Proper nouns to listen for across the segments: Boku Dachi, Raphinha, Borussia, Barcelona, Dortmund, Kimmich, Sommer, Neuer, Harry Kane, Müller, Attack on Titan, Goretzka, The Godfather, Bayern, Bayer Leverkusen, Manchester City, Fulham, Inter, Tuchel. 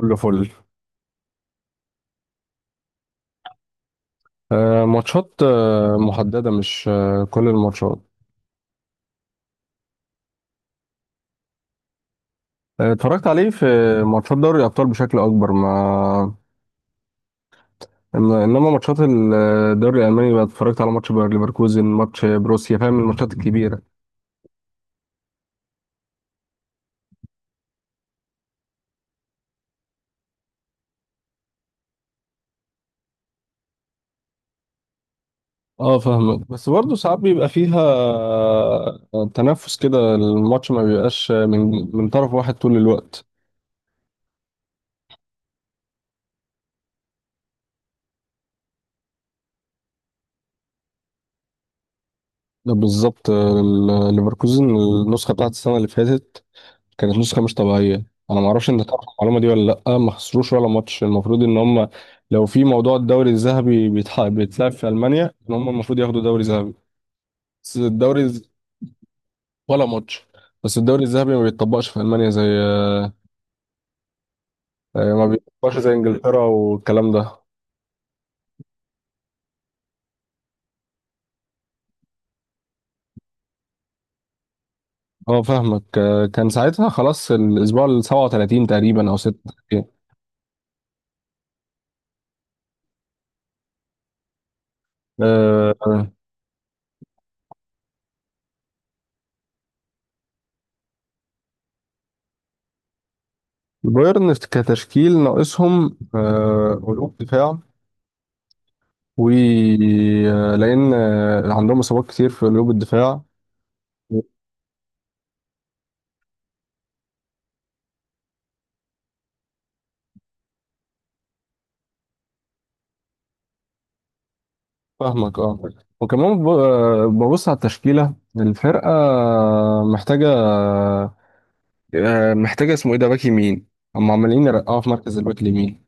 كله فل. ماتشات، محددة، مش كل الماتشات. اتفرجت عليه في ماتشات دوري الأبطال بشكل أكبر، ما إنما ماتشات الدوري الألماني بقى اتفرجت على ماتش باير ليفركوزن، ماتش بروسيا، فاهم؟ الماتشات الكبيرة. اه، فاهمك. بس برضه ساعات بيبقى فيها تنافس كده، الماتش ما بيبقاش من طرف واحد طول الوقت. ده بالظبط. ليفركوزن النسخة بتاعت السنة اللي فاتت كانت نسخة مش طبيعية. أنا ما أعرفش، أنت تعرف المعلومة دي ولا لأ؟ ما خسروش ولا ماتش، المفروض إن هم لو في موضوع الدوري الذهبي بيتلعب في ألمانيا، إن هم المفروض ياخدوا دوري ذهبي. بس الدوري ولا ماتش. بس الدوري الذهبي ما بيتطبقش في ألمانيا زي يعني ما بيتطبقش زي إنجلترا والكلام ده. أه، فاهمك. كان ساعتها خلاص، الأسبوع ال 37 تقريبا أو 36. آه، بايرن كتشكيل ناقصهم قلوب دفاع، ولان عندهم اصابات كتير في قلوب الدفاع. فاهمك. اه، وكمان ببص على التشكيله. الفرقه محتاجه محتاجه اسمه ايه ده، باك يمين. هم عمالين يرقعوا في مركز الباك اليمين.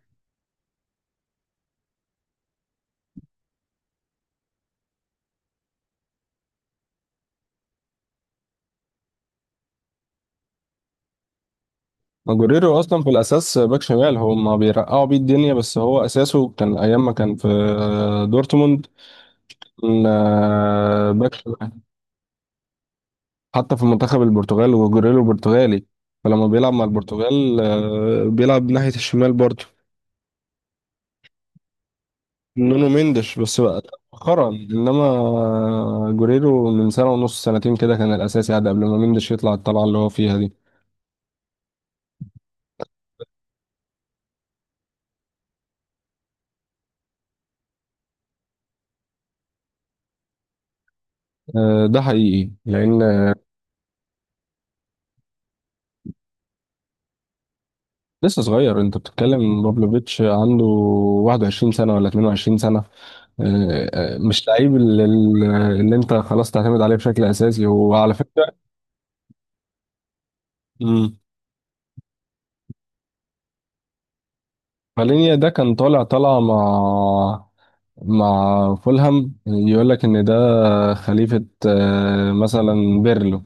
ماجوريرو اصلا في الاساس باك شمال، هم بيرقعوا بيه الدنيا، بس هو اساسه كان ايام ما كان في دورتموند. كان باك شمال. حتى في منتخب البرتغال، وجوريلو برتغالي، فلما بيلعب مع البرتغال بيلعب ناحية الشمال برضه. نونو مينديش، بس بقى مؤخرا. انما جوريرو من سنة ونص سنتين كده كان الاساسي، عاد قبل ما مينديش يطلع الطلعة اللي هو فيها دي. ده حقيقي، لان لسه صغير. انت بتتكلم بابلوفيتش عنده 21 سنة ولا 22 سنة. مش لعيب اللي انت خلاص تعتمد عليه بشكل اساسي، وعلى فكرة، مالينيا ده كان طالع طالعة مع فولهام، يقول لك ان ده خليفة مثلا بيرلو.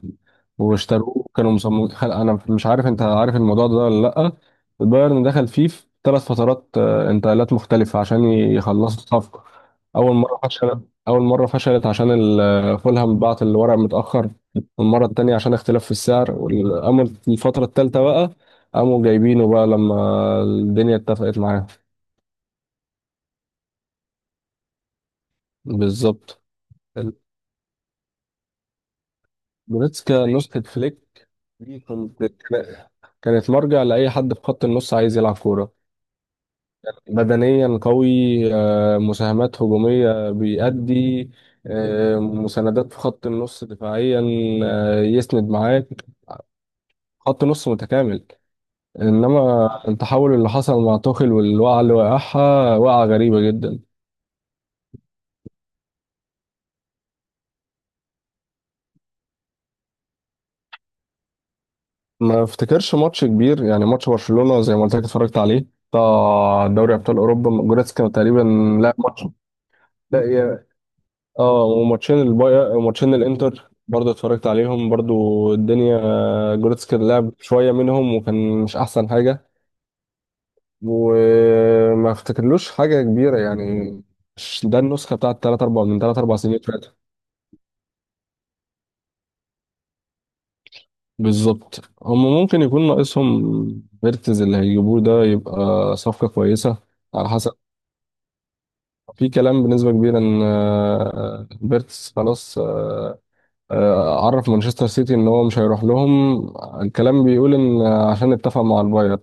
واشتروه، كانوا مصممين انا مش عارف انت عارف الموضوع ده ولا لا. البايرن دخل فيه في 3 فترات انتقالات مختلفة عشان يخلصوا الصفقة. اول مرة فشلت اول مرة فشلت عشان فولهام بعت الورق متأخر. المرة التانية عشان اختلاف في السعر والأمر. الفترة التالتة بقى قاموا جايبينه بقى لما الدنيا اتفقت معاهم. بالظبط. جوريتسكا نسخة فليك دي، كانت مرجع لأي حد في خط النص عايز يلعب كورة. بدنيا قوي، مساهمات هجومية بيأدي، مساندات في خط النص دفاعيا، يسند معاك، خط نص متكامل. انما التحول اللي حصل مع توخيل والوقعة اللي وقعها، وقعة غريبة جدا. ما افتكرش ماتش كبير. يعني ماتش برشلونة زي ما قلت لك اتفرجت عليه، بتاع دوري ابطال اوروبا، جوريتسكا تقريبا لعب ماتش. لا، اه، وماتشين الباير، ماتشين الانتر برضه اتفرجت عليهم برضه، الدنيا. جوريتسكا لعب شويه منهم وكان مش احسن حاجه. وما افتكرلوش حاجه كبيره يعني. مش ده النسخه بتاعت 3 4 من 3 4 سنين فاتوا. بالظبط، هم ممكن يكون ناقصهم فيرتز. اللي هيجيبوه ده يبقى صفقه كويسه. على حسب. في كلام بنسبه كبيره ان فيرتز خلاص عرف مانشستر سيتي ان هو مش هيروح لهم. الكلام بيقول ان عشان اتفق مع الباير.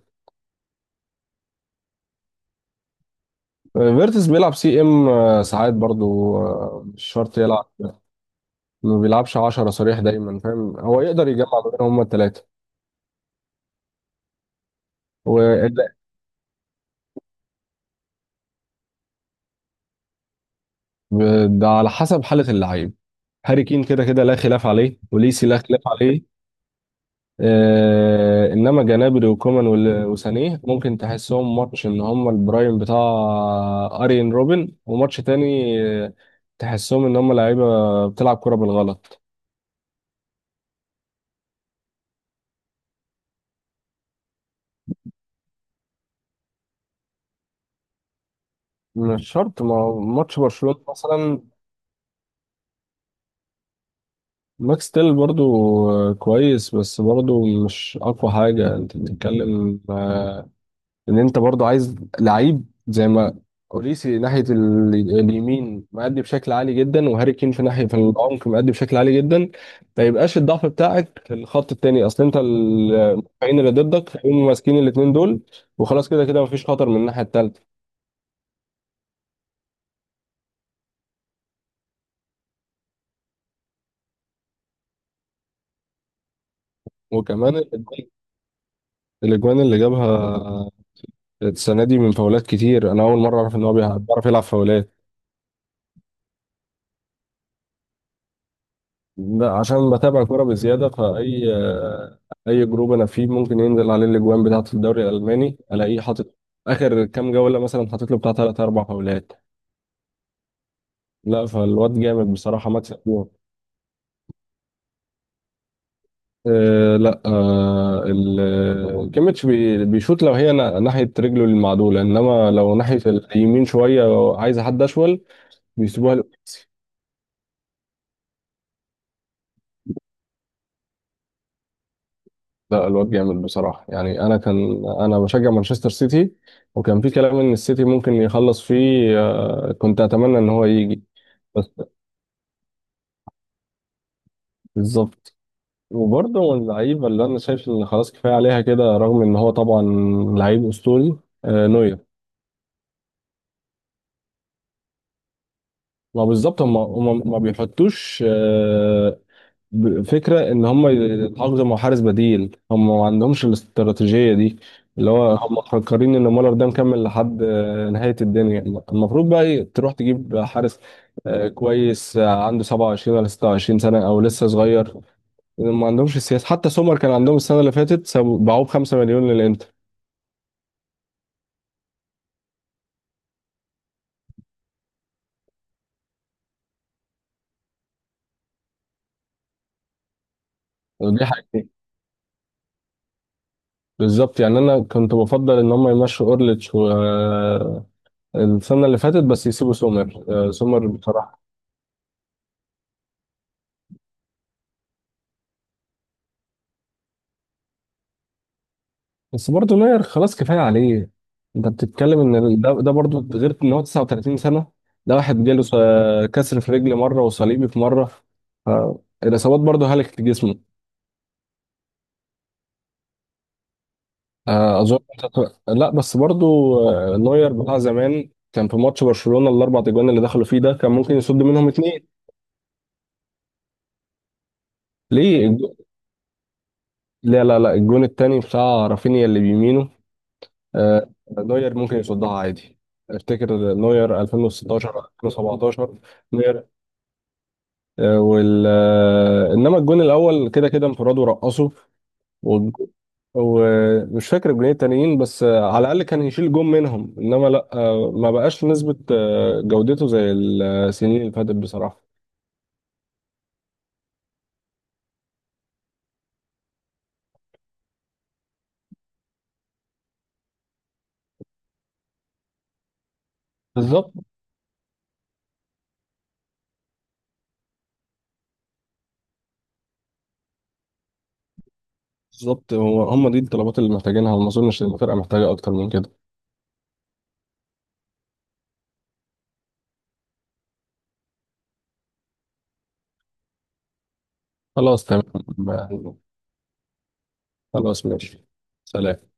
فيرتس بيلعب سي ام ساعات برضو، مش شرط يلعب. ما بيلعبش 10 صريح دايما، فاهم؟ هو يقدر يجمع ما بينهم هما الثلاثه. وده على حسب حاله اللعيب. هاري كين كده كده لا خلاف عليه، وليسي لا خلاف عليه. انما جنابري وكومان وسانيه ممكن تحسهم ماتش ان هم البرايم بتاع ارين روبن، وماتش تاني آه، تحسهم ان هم لعيبه بتلعب كرة بالغلط. مش شرط، ما هو ماتش برشلونة مثلا. ماكس تيل برضو كويس، بس برضو مش اقوى حاجة. انت بتتكلم ان انت برضو عايز لعيب زي ما اوريسي ناحيه اليمين مأدي بشكل عالي جدا، وهاري كين في ناحيه في العمق مأدي بشكل عالي جدا. ما يبقاش الضعف بتاعك في الخط التاني. اصل انت المدافعين اللي ضدك هيقوموا ماسكين الاثنين دول، وخلاص كده كده مفيش خطر من الناحيه التالته. وكمان الاجوان اللي جابها السنه دي من فاولات كتير. انا اول مره اعرف ان هو بيعرف يلعب فاولات. لا، عشان بتابع كوره بزياده. فاي اي جروب انا فيه ممكن ينزل عليه الاجوان بتاعه الدوري الالماني، الاقيه حاطط اخر كام جوله مثلا حاطط له بتاع 3 4 فاولات. لا، فالواد جامد بصراحه، مكسب جون. أه، لا، أه كيميتش بيشوط لو هي ناحيه رجله المعدوله، انما لو ناحيه اليمين شويه عايز حد اشول بيسيبوها. لا، الواد جامد بصراحة. يعني أنا كان أنا بشجع مانشستر سيتي، وكان في كلام إن السيتي ممكن يخلص فيه. كنت أتمنى إن هو يجي بس. بالظبط. وبرضه من اللعيبة اللي أنا شايف إن خلاص كفاية عليها كده، رغم إن هو طبعا لعيب أسطوري. نوير. ما بالظبط، هم ما بيحطوش فكرة ان هم يتعاقدوا مع حارس بديل. هم ما عندهمش الاستراتيجية دي، اللي هو هم مفكرين ان مولر ده مكمل لحد نهاية الدنيا. المفروض بقى إيه؟ تروح تجيب حارس كويس، عنده 27 ولا 26 سنة او لسه صغير. ما عندهمش السياسة. حتى سومر كان عندهم السنة اللي فاتت، باعوه ب 5 مليون للانتر. ودي حاجتين. بالظبط، يعني انا كنت بفضل ان هم يمشوا اورليتش و السنة اللي فاتت، بس يسيبوا سومر. سومر بصراحة. بس برضه نوير خلاص كفايه عليه. انت بتتكلم ان ده برضه، غير ان هو 39 سنه. ده واحد جاله كسر في رجل مره، وصليبي في مره. ف- الاصابات برضه هلكت جسمه. اظن. لا، بس برضه نوير بتاع زمان كان في ماتش برشلونه ال4 اجوان اللي دخلوا فيه ده كان ممكن يصد منهم 2. ليه لا، لا، لا، الجون التاني بتاع رافينيا اللي بيمينه. آه، نوير ممكن يصدها عادي. افتكر نوير 2016 2017. آه، وال آه، انما الجون الاول كده كده انفراد ورقصه. والج- ومش فاكر الجونين التانيين. بس على الاقل كان يشيل جون منهم، انما لا، ما بقاش نسبة جودته زي السنين اللي فاتت بصراحة. بالظبط بالظبط. هو هم دي الطلبات اللي محتاجينها، وما اظنش ان الفرقة محتاجة اكتر من كده. خلاص تمام. خلاص ماشي. سلام.